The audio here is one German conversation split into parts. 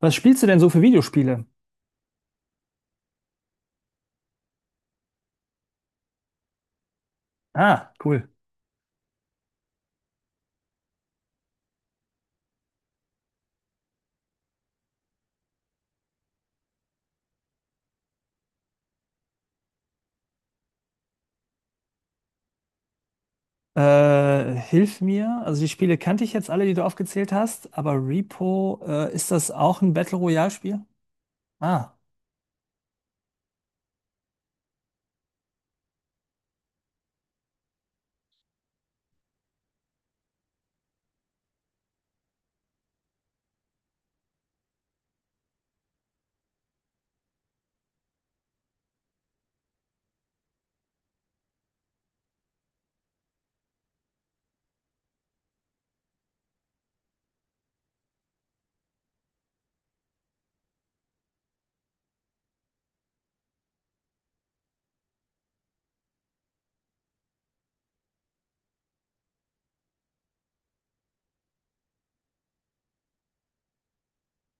Was spielst du denn so für Videospiele? Ah, cool. Hilf mir. Also die Spiele kannte ich jetzt alle, die du aufgezählt hast, aber Repo, ist das auch ein Battle Royale-Spiel? Ah.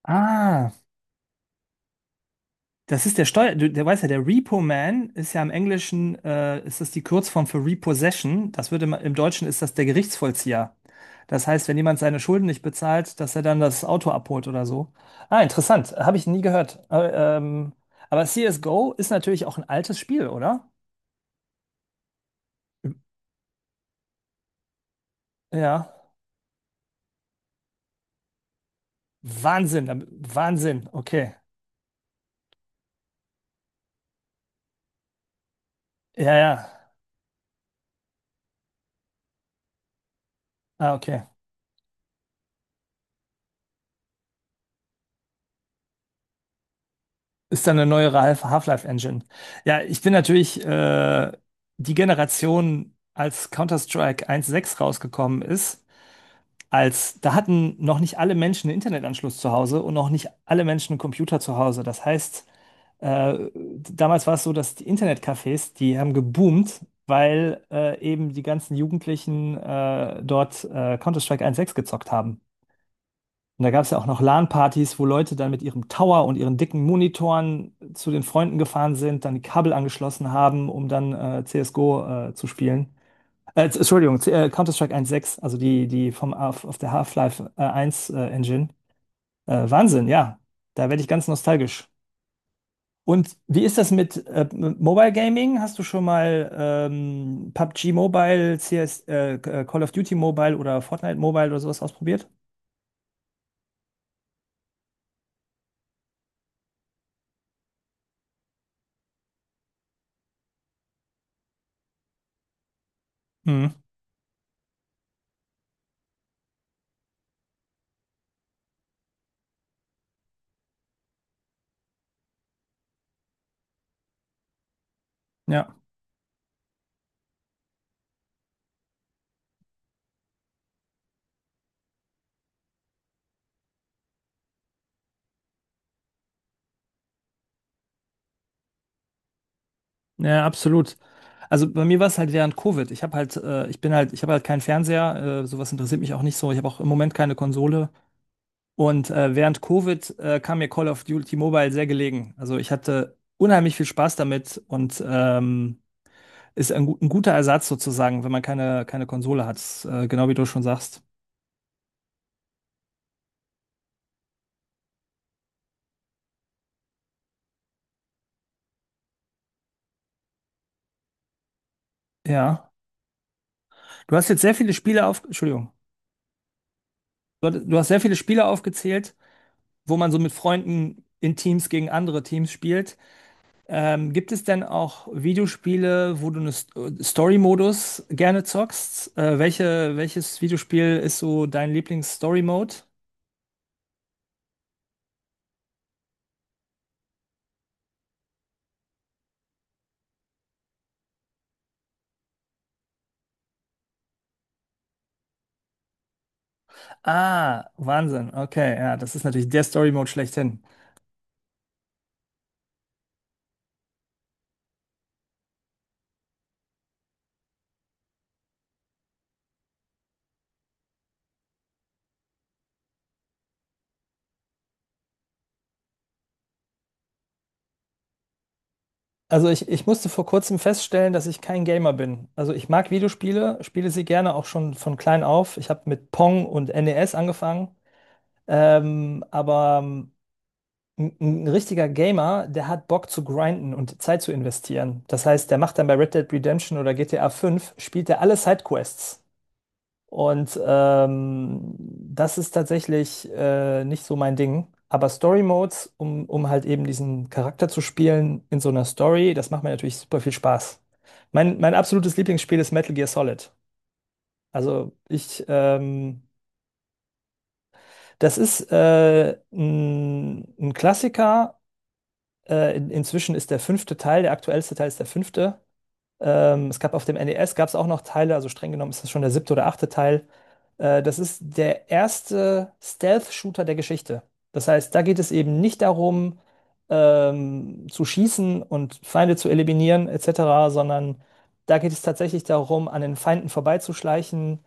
Ah. Das ist der Steuer, du, der weiß ja, der Repo Man ist ja im Englischen, ist das die Kurzform für Repossession. Das wird im Deutschen ist das der Gerichtsvollzieher. Das heißt, wenn jemand seine Schulden nicht bezahlt, dass er dann das Auto abholt oder so. Ah, interessant. Habe ich nie gehört. Aber CSGO ist natürlich auch ein altes Spiel, oder? Ja. Wahnsinn, da- Wahnsinn, okay. Ja, ja. Ah, okay. Ist dann eine neuere Half-Life-Engine. Ja, ich bin natürlich die Generation, als Counter-Strike 1.6 rausgekommen ist, als da hatten noch nicht alle Menschen einen Internetanschluss zu Hause und noch nicht alle Menschen einen Computer zu Hause. Das heißt, äh, damals war es so, dass die Internetcafés, die haben geboomt, weil eben die ganzen Jugendlichen dort Counter-Strike 1.6 gezockt haben. Und da gab es ja auch noch LAN-Partys, wo Leute dann mit ihrem Tower und ihren dicken Monitoren zu den Freunden gefahren sind, dann die Kabel angeschlossen haben, um dann CSGO zu spielen. Entschuldigung, Counter-Strike 1.6, also die auf der Half-Life 1 Engine. Wahnsinn, ja. Da werde ich ganz nostalgisch. Und wie ist das mit Mobile Gaming? Hast du schon mal PUBG Mobile, CS, Call of Duty Mobile oder Fortnite Mobile oder sowas ausprobiert? Mhm. Ja. Ja, absolut. Also bei mir war es halt während Covid. Ich habe halt keinen Fernseher, sowas interessiert mich auch nicht so. Ich habe auch im Moment keine Konsole. Und während Covid kam mir Call of Duty Mobile sehr gelegen. Also ich hatte unheimlich viel Spaß damit und ist ein guter Ersatz sozusagen, wenn man keine Konsole hat. Genau wie du schon sagst. Ja. Du hast jetzt sehr viele Spiele Entschuldigung. Du hast sehr viele Spiele aufgezählt, wo man so mit Freunden in Teams gegen andere Teams spielt. Gibt es denn auch Videospiele, wo du einen Story-Modus gerne zockst? Welches Videospiel ist so dein Lieblings-Story-Mode? Ah, Wahnsinn. Okay, ja, das ist natürlich der Story-Mode schlechthin. Also ich musste vor kurzem feststellen, dass ich kein Gamer bin. Also ich mag Videospiele, spiele sie gerne auch schon von klein auf. Ich habe mit Pong und NES angefangen. Aber ein richtiger Gamer, der hat Bock zu grinden und Zeit zu investieren. Das heißt, der macht dann bei Red Dead Redemption oder GTA 5, spielt er alle Sidequests. Und das ist tatsächlich nicht so mein Ding. Aber Story Modes, um halt eben diesen Charakter zu spielen in so einer Story, das macht mir natürlich super viel Spaß. Mein absolutes Lieblingsspiel ist Metal Gear Solid. Also das ist ein Klassiker. Inzwischen ist der fünfte Teil, der aktuellste Teil ist der fünfte. Es gab auf dem NES gab es auch noch Teile, also streng genommen ist das schon der siebte oder achte Teil. Das ist der erste Stealth-Shooter der Geschichte. Das heißt, da geht es eben nicht darum, zu schießen und Feinde zu eliminieren, etc., sondern da geht es tatsächlich darum, an den Feinden vorbeizuschleichen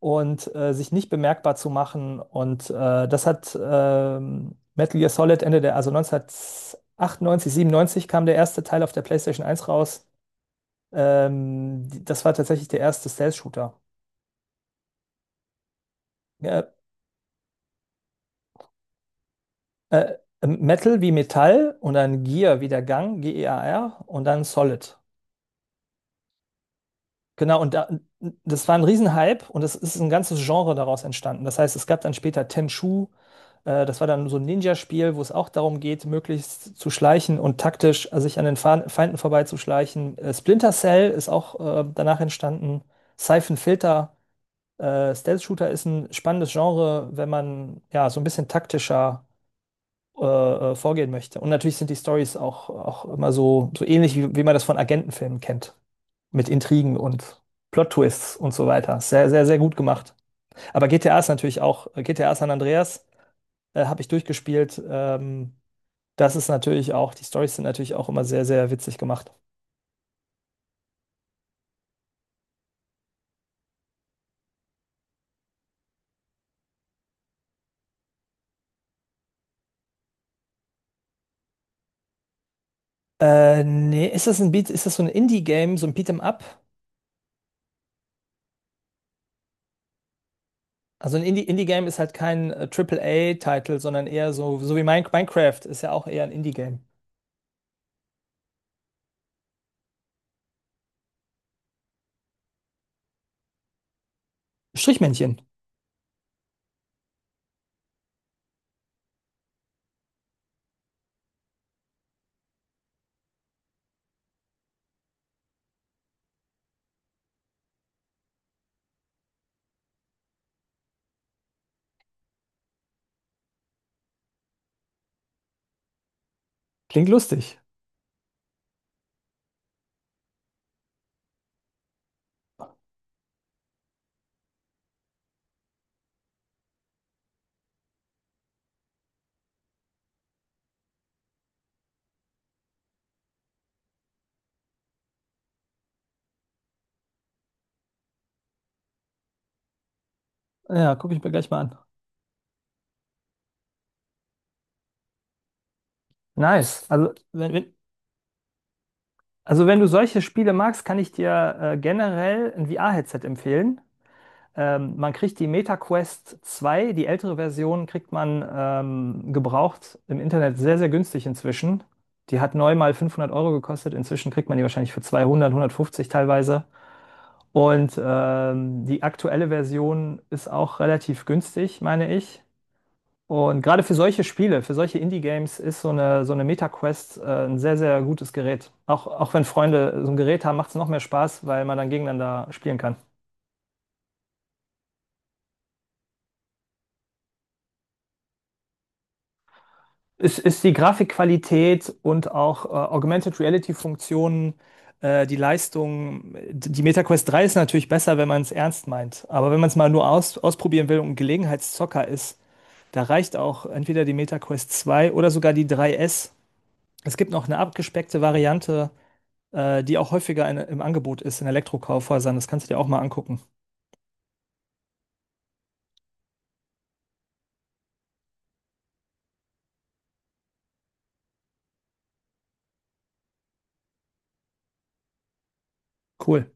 und sich nicht bemerkbar zu machen. Und das hat Metal Gear Solid Ende der, also 1998, 97 kam der erste Teil auf der PlayStation 1 raus. Das war tatsächlich der erste Stealth-Shooter. Ja. äh, Metal wie Metall und dann Gear wie der Gang, G-E-A-R und dann Solid. Genau, das war ein Riesenhype und es ist ein ganzes Genre daraus entstanden. Das heißt, es gab dann später Tenchu, das war dann so ein Ninja-Spiel, wo es auch darum geht, möglichst zu schleichen und taktisch sich an den Feinden vorbeizuschleichen. Splinter Cell ist auch danach entstanden. Siphon Filter. Stealth-Shooter ist ein spannendes Genre, wenn man ja so ein bisschen taktischer äh, vorgehen möchte. Und natürlich sind die Stories auch immer so ähnlich, wie man das von Agentenfilmen kennt. Mit Intrigen und Plot-Twists und so weiter. Sehr, sehr, sehr gut gemacht. Aber GTA ist natürlich auch, GTA San Andreas habe ich durchgespielt. Das ist natürlich auch, die Stories sind natürlich auch immer sehr, sehr witzig gemacht. Nee, ist das so ein Indie-Game, so ein Beat'em Up? Also ein Indie-Game ist halt kein a titel sondern eher so wie Minecraft ist ja auch eher ein Indie-Game. Strichmännchen. Klingt lustig. Ja, gucke ich mir gleich mal an. Nice. Also wenn, wenn, also wenn du solche Spiele magst, kann ich dir generell ein VR-Headset empfehlen. Man kriegt die MetaQuest 2, die ältere Version, kriegt man gebraucht im Internet sehr, sehr günstig inzwischen. Die hat neu mal 500 € gekostet. Inzwischen kriegt man die wahrscheinlich für 200, 150 teilweise. Und die aktuelle Version ist auch relativ günstig, meine ich. Und gerade für solche Spiele, für solche Indie-Games ist so eine Meta-Quest ein sehr, sehr gutes Gerät. Auch wenn Freunde so ein Gerät haben, macht es noch mehr Spaß, weil man dann gegeneinander spielen kann. Es ist die Grafikqualität und auch Augmented Reality-Funktionen, die Leistung. Die MetaQuest 3 ist natürlich besser, wenn man es ernst meint. Aber wenn man es mal nur ausprobieren will und ein Gelegenheitszocker ist, da reicht auch entweder die MetaQuest 2 oder sogar die 3S. Es gibt noch eine abgespeckte Variante, die auch häufiger im Angebot ist in Elektrokaufhäusern. Das kannst du dir auch mal angucken. Cool.